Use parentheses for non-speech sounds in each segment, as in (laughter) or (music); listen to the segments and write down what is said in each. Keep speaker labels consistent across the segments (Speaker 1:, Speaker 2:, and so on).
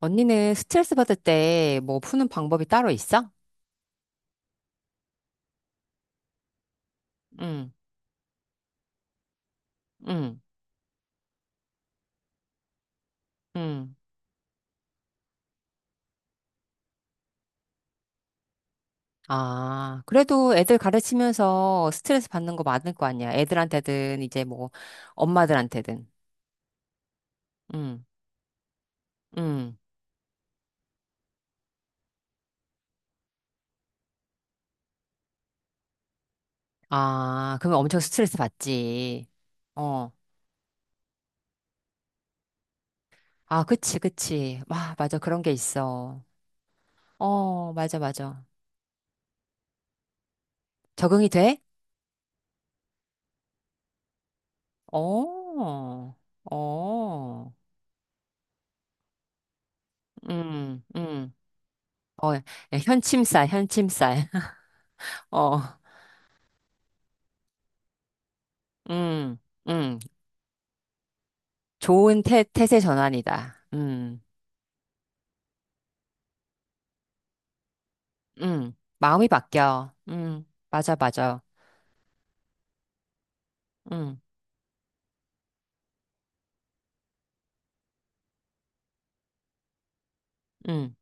Speaker 1: 언니는 스트레스 받을 때 뭐 푸는 방법이 따로 있어? 응, 응, 응. 아, 그래도 애들 가르치면서 스트레스 받는 거 많을 거 아니야. 애들한테든 이제 뭐 엄마들한테든. 응, 응. 아, 그러면 엄청 스트레스 받지. 어. 아, 그치, 그치. 와, 맞아. 그런 게 있어. 어, 맞아, 맞아. 적응이 돼? 어, 어. 음, 음. 어, 현침살, 현침살. (laughs) 어. 음, 음. 좋은 태세 전환이다. 마음이 바뀌어. 맞아, 맞아. 음, 음.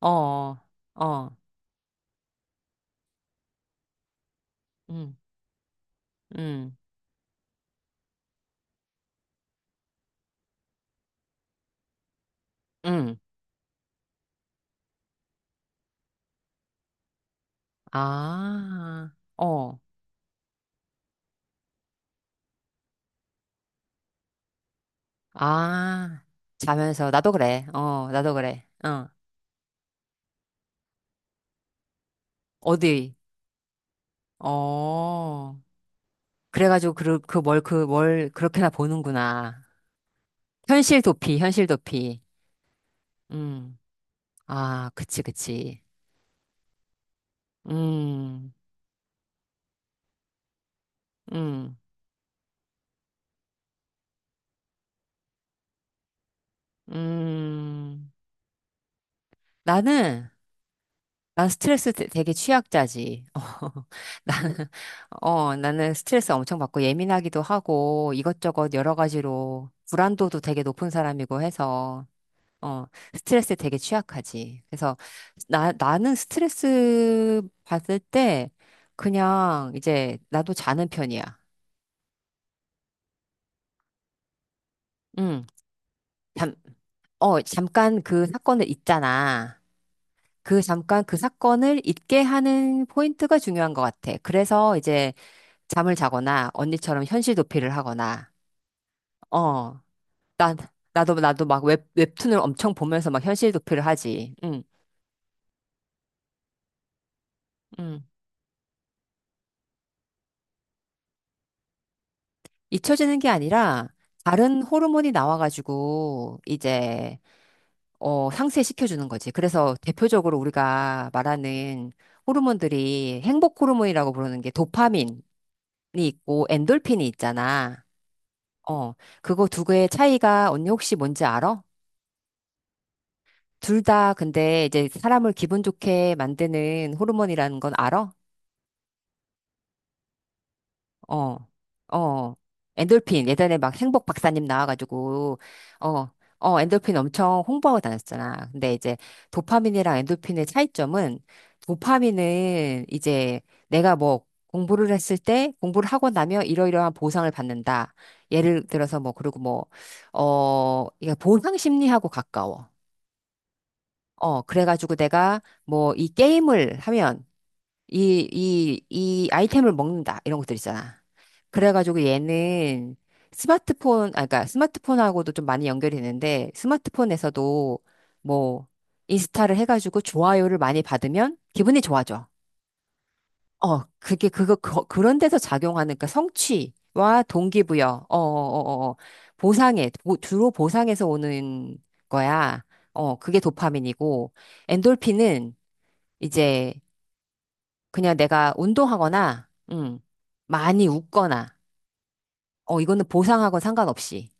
Speaker 1: 어, 어, 어. 음, 음, 음. 아, 어, 아. 자면서, 나도 그래. 어, 나도 그래. 어, 어디? 어. 그래가지고, 그 뭘 그렇게나 보는구나. 현실 도피, 현실 도피. 음. 아, 그치, 그치. 음, 음. 음, 나는, 난 스트레스 되게 취약자지. (laughs) 나는, 나는 스트레스 엄청 받고 예민하기도 하고 이것저것 여러 가지로 불안도도 되게 높은 사람이고 해서, 어, 스트레스에 되게 취약하지. 그래서 나는 스트레스 받을 때 그냥 이제 나도 자는 편이야. 응, 잠, 잠깐 그 사건을 있잖아. 그 잠깐 그 사건을 잊게 하는 포인트가 중요한 것 같아. 그래서 이제 잠을 자거나 언니처럼 현실 도피를 하거나, 어, 난, 나도 막 웹툰을 엄청 보면서 막 현실 도피를 하지. 응, 응. 잊혀지는 게 아니라 다른 호르몬이 나와가지고 이제, 어, 상쇄시켜주는 거지. 그래서 대표적으로 우리가 말하는 호르몬들이 행복 호르몬이라고 부르는 게 도파민이 있고 엔돌핀이 있잖아. 어, 그거 두 개의 차이가 언니 혹시 뭔지 알아? 둘 다 근데 이제 사람을 기분 좋게 만드는 호르몬이라는 건 알아? 어, 어, 엔돌핀. 예전에 막 행복 박사님 나와가지고, 어, 어, 엔돌핀 엄청 홍보하고 다녔잖아. 근데 이제 도파민이랑 엔돌핀의 차이점은 도파민은 이제 내가 뭐 공부를 했을 때 공부를 하고 나면 이러이러한 보상을 받는다. 예를 들어서 뭐, 그리고 뭐, 어, 이게 보상 심리하고 가까워. 어, 그래가지고 내가 뭐 이 게임을 하면 이 아이템을 먹는다. 이런 것들 있잖아. 그래가지고 얘는 그러니까 스마트폰하고도 좀 많이 연결이 되는데 스마트폰에서도 뭐 인스타를 해가지고 좋아요를 많이 받으면 기분이 좋아져. 어, 그런 데서 작용하는 그러니까 성취와 동기부여, 어, 어, 어, 어, 주로 보상에서 오는 거야. 어, 그게 도파민이고 엔돌핀은 이제 그냥 내가 운동하거나, 많이 웃거나, 어, 이거는 보상하고 상관없이.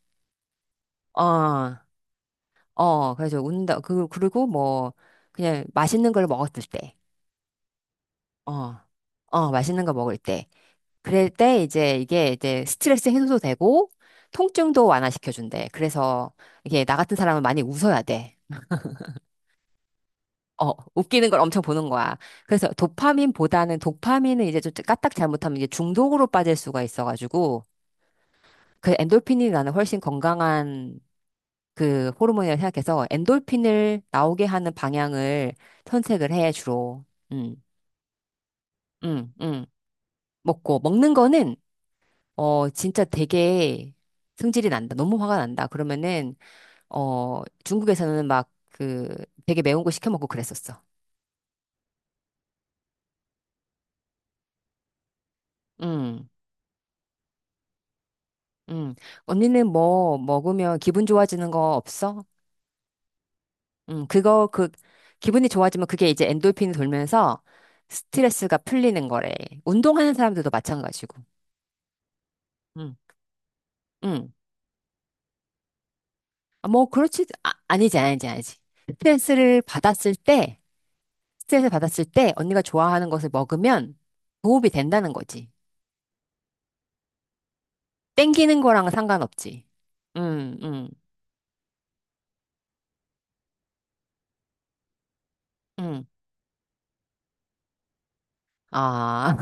Speaker 1: 어, 어, 그래서 그리고 뭐, 그냥 맛있는 걸 먹었을 때, 어, 어, 맛있는 거 먹을 때. 그럴 때 이제 이게 이제 스트레스 해소도 되고, 통증도 완화시켜준대. 그래서 이게 나 같은 사람은 많이 웃어야 돼. 어, 웃기는 걸 엄청 보는 거야. 그래서 도파민보다는 도파민은 이제 좀 까딱 잘못하면 이게 중독으로 빠질 수가 있어가지고, 그 엔돌핀이 나는 훨씬 건강한 그 호르몬이라고 생각해서 엔돌핀을 나오게 하는 방향을 선택을 해, 주로. 음, 음, 음. 먹고. 먹는 거는, 어, 진짜 되게 승질이 난다. 너무 화가 난다. 그러면은, 어, 중국에서는 막 그 되게 매운 거 시켜 먹고 그랬었어. 음, 음. 언니는 뭐 먹으면 기분 좋아지는 거 없어? 음, 그거, 그, 기분이 좋아지면 그게 이제 엔돌핀이 돌면서 스트레스가 풀리는 거래. 운동하는 사람들도 마찬가지고. 응 응. 아, 뭐, 그렇지. 아, 아니지, 아니지, 아니지. 스트레스를 받았을 때, 스트레스 받았을 때 언니가 좋아하는 것을 먹으면 도움이 된다는 거지. 땡기는 거랑은 상관없지. 응 응 응 아,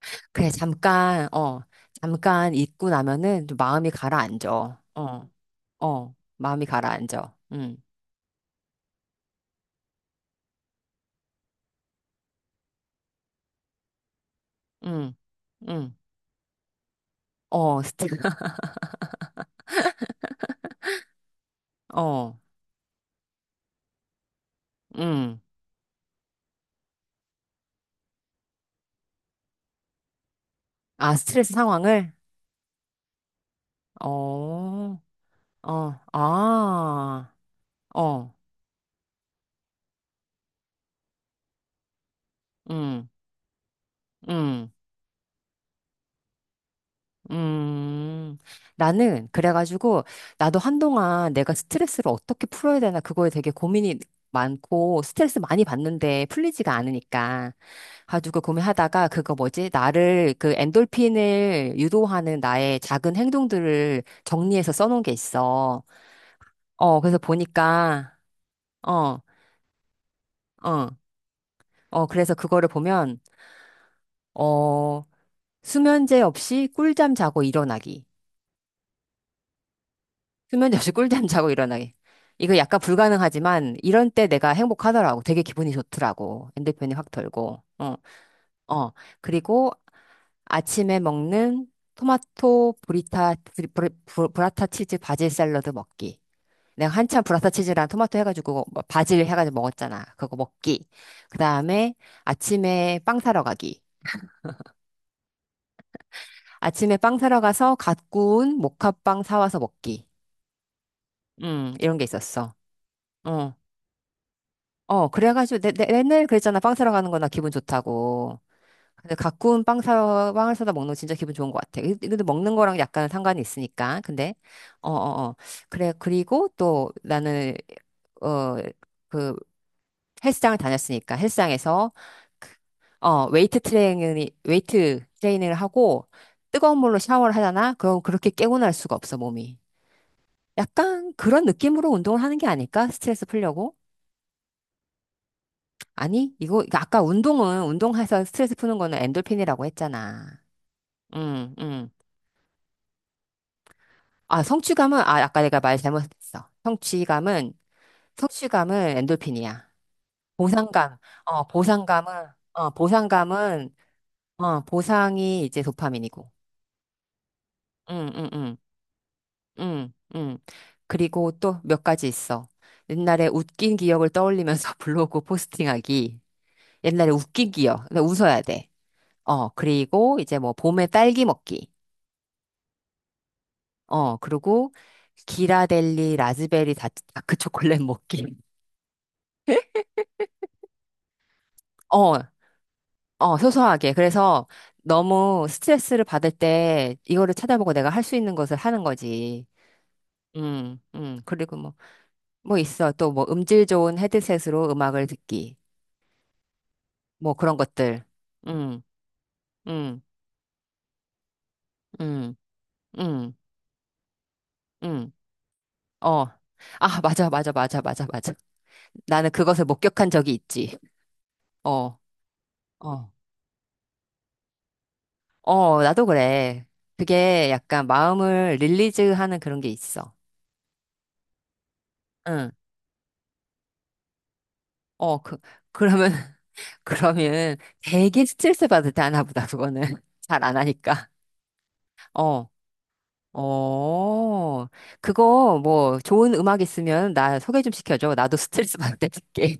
Speaker 1: (laughs) 그래, 잠깐, 어, 잠깐 잊고 나면은 좀 마음이 가라앉아. 어, 어, 마음이 가라앉아. 음. 응, 응. 어, 스트, (laughs) 어, 응. 아, 스트레스 상황을? 어, 어, 아, 어, 응, 응, 음. 그래가지고, 나도 한동안 내가 스트레스를 어떻게 풀어야 되나, 그거에 되게 고민이 많고, 스트레스 많이 받는데 풀리지가 않으니까. 가지고 고민하다가, 그거 뭐지? 나를, 그 엔돌핀을 유도하는 나의 작은 행동들을 정리해서 써놓은 게 있어. 어, 그래서 보니까, 어, 어, 어, 그래서 그거를 보면, 어, 수면제 없이 꿀잠 자고 일어나기. 수면제 없이 (laughs) 꿀잠 자고 일어나기. 이거 약간 불가능하지만, 이런 때 내가 행복하더라고. 되게 기분이 좋더라고. 핸드폰이 확 덜고, 어, 어. 그리고 아침에 먹는 토마토 브라타 치즈 바질 샐러드 먹기. 내가 한참 브라타 치즈랑 토마토 해가지고 뭐 바질 해가지고 먹었잖아. 그거 먹기. 그 다음에 아침에 빵 사러 가기. 아침에 빵 사러 가서 갓 구운 모카빵 사와서 먹기. 이런 게 있었어. 어, 어, 그래가지고 맨날 그랬잖아. 빵 사러 가는 거나 기분 좋다고. 근데 갓 구운 빵을 사다 먹는 거 진짜 기분 좋은 것 같아. 이- 근데 먹는 거랑 약간 상관이 있으니까. 근데, 어, 어, 어. 그래, 그리고 또 나는, 어, 그 헬스장을 다녔으니까 헬스장에서 어, 웨이트 트레이닝을 하고 뜨거운 물로 샤워를 하잖아? 그럼 그렇게 깨고날 수가 없어, 몸이. 약간 그런 느낌으로 운동을 하는 게 아닐까? 스트레스 풀려고? 아니, 이거 아까 운동해서 스트레스 푸는 거는 엔돌핀이라고 했잖아. 응, 응. 아, 성취감은, 아, 아까 내가 말 잘못했어. 성취감은 엔돌핀이야. 보상감, 어, 보상감은, 보상감은, 어, 보상이 이제 도파민이고. 응, 응, 응. 응, 응. 그리고 또 몇 가지 있어. 옛날에 웃긴 기억을 떠올리면서 (laughs) 블로그 포스팅하기. 옛날에 웃긴 기억. 근데 웃어야 돼. 어, 그리고 이제 뭐 봄에 딸기 먹기. 어, 그리고 기라델리 라즈베리 다크 초콜릿 먹기. (laughs) 어, 어, 소소하게. 그래서 너무 스트레스를 받을 때 이거를 찾아보고 내가 할 수 있는 것을 하는 거지. 그리고 뭐, 있어. 또 뭐 음질 좋은 헤드셋으로 음악을 듣기. 뭐 그런 것들. 응, 응, 응, 응, 응. 어. 아, 맞아, 맞아, 맞아, 맞아, 맞아. 나는 그것을 목격한 적이 있지. 어, 어. 어, 나도 그래. 그게 약간 마음을 릴리즈하는 그런 게 있어. 응. 어, 그러면, (laughs) 그러면 되게 스트레스 받을 때 하나 보다, 그거는. (laughs) 잘 안 하니까. 어. 어, 그거 뭐 좋은 음악 있으면 나 소개 좀 시켜줘. 나도 스트레스 받을 때 듣게.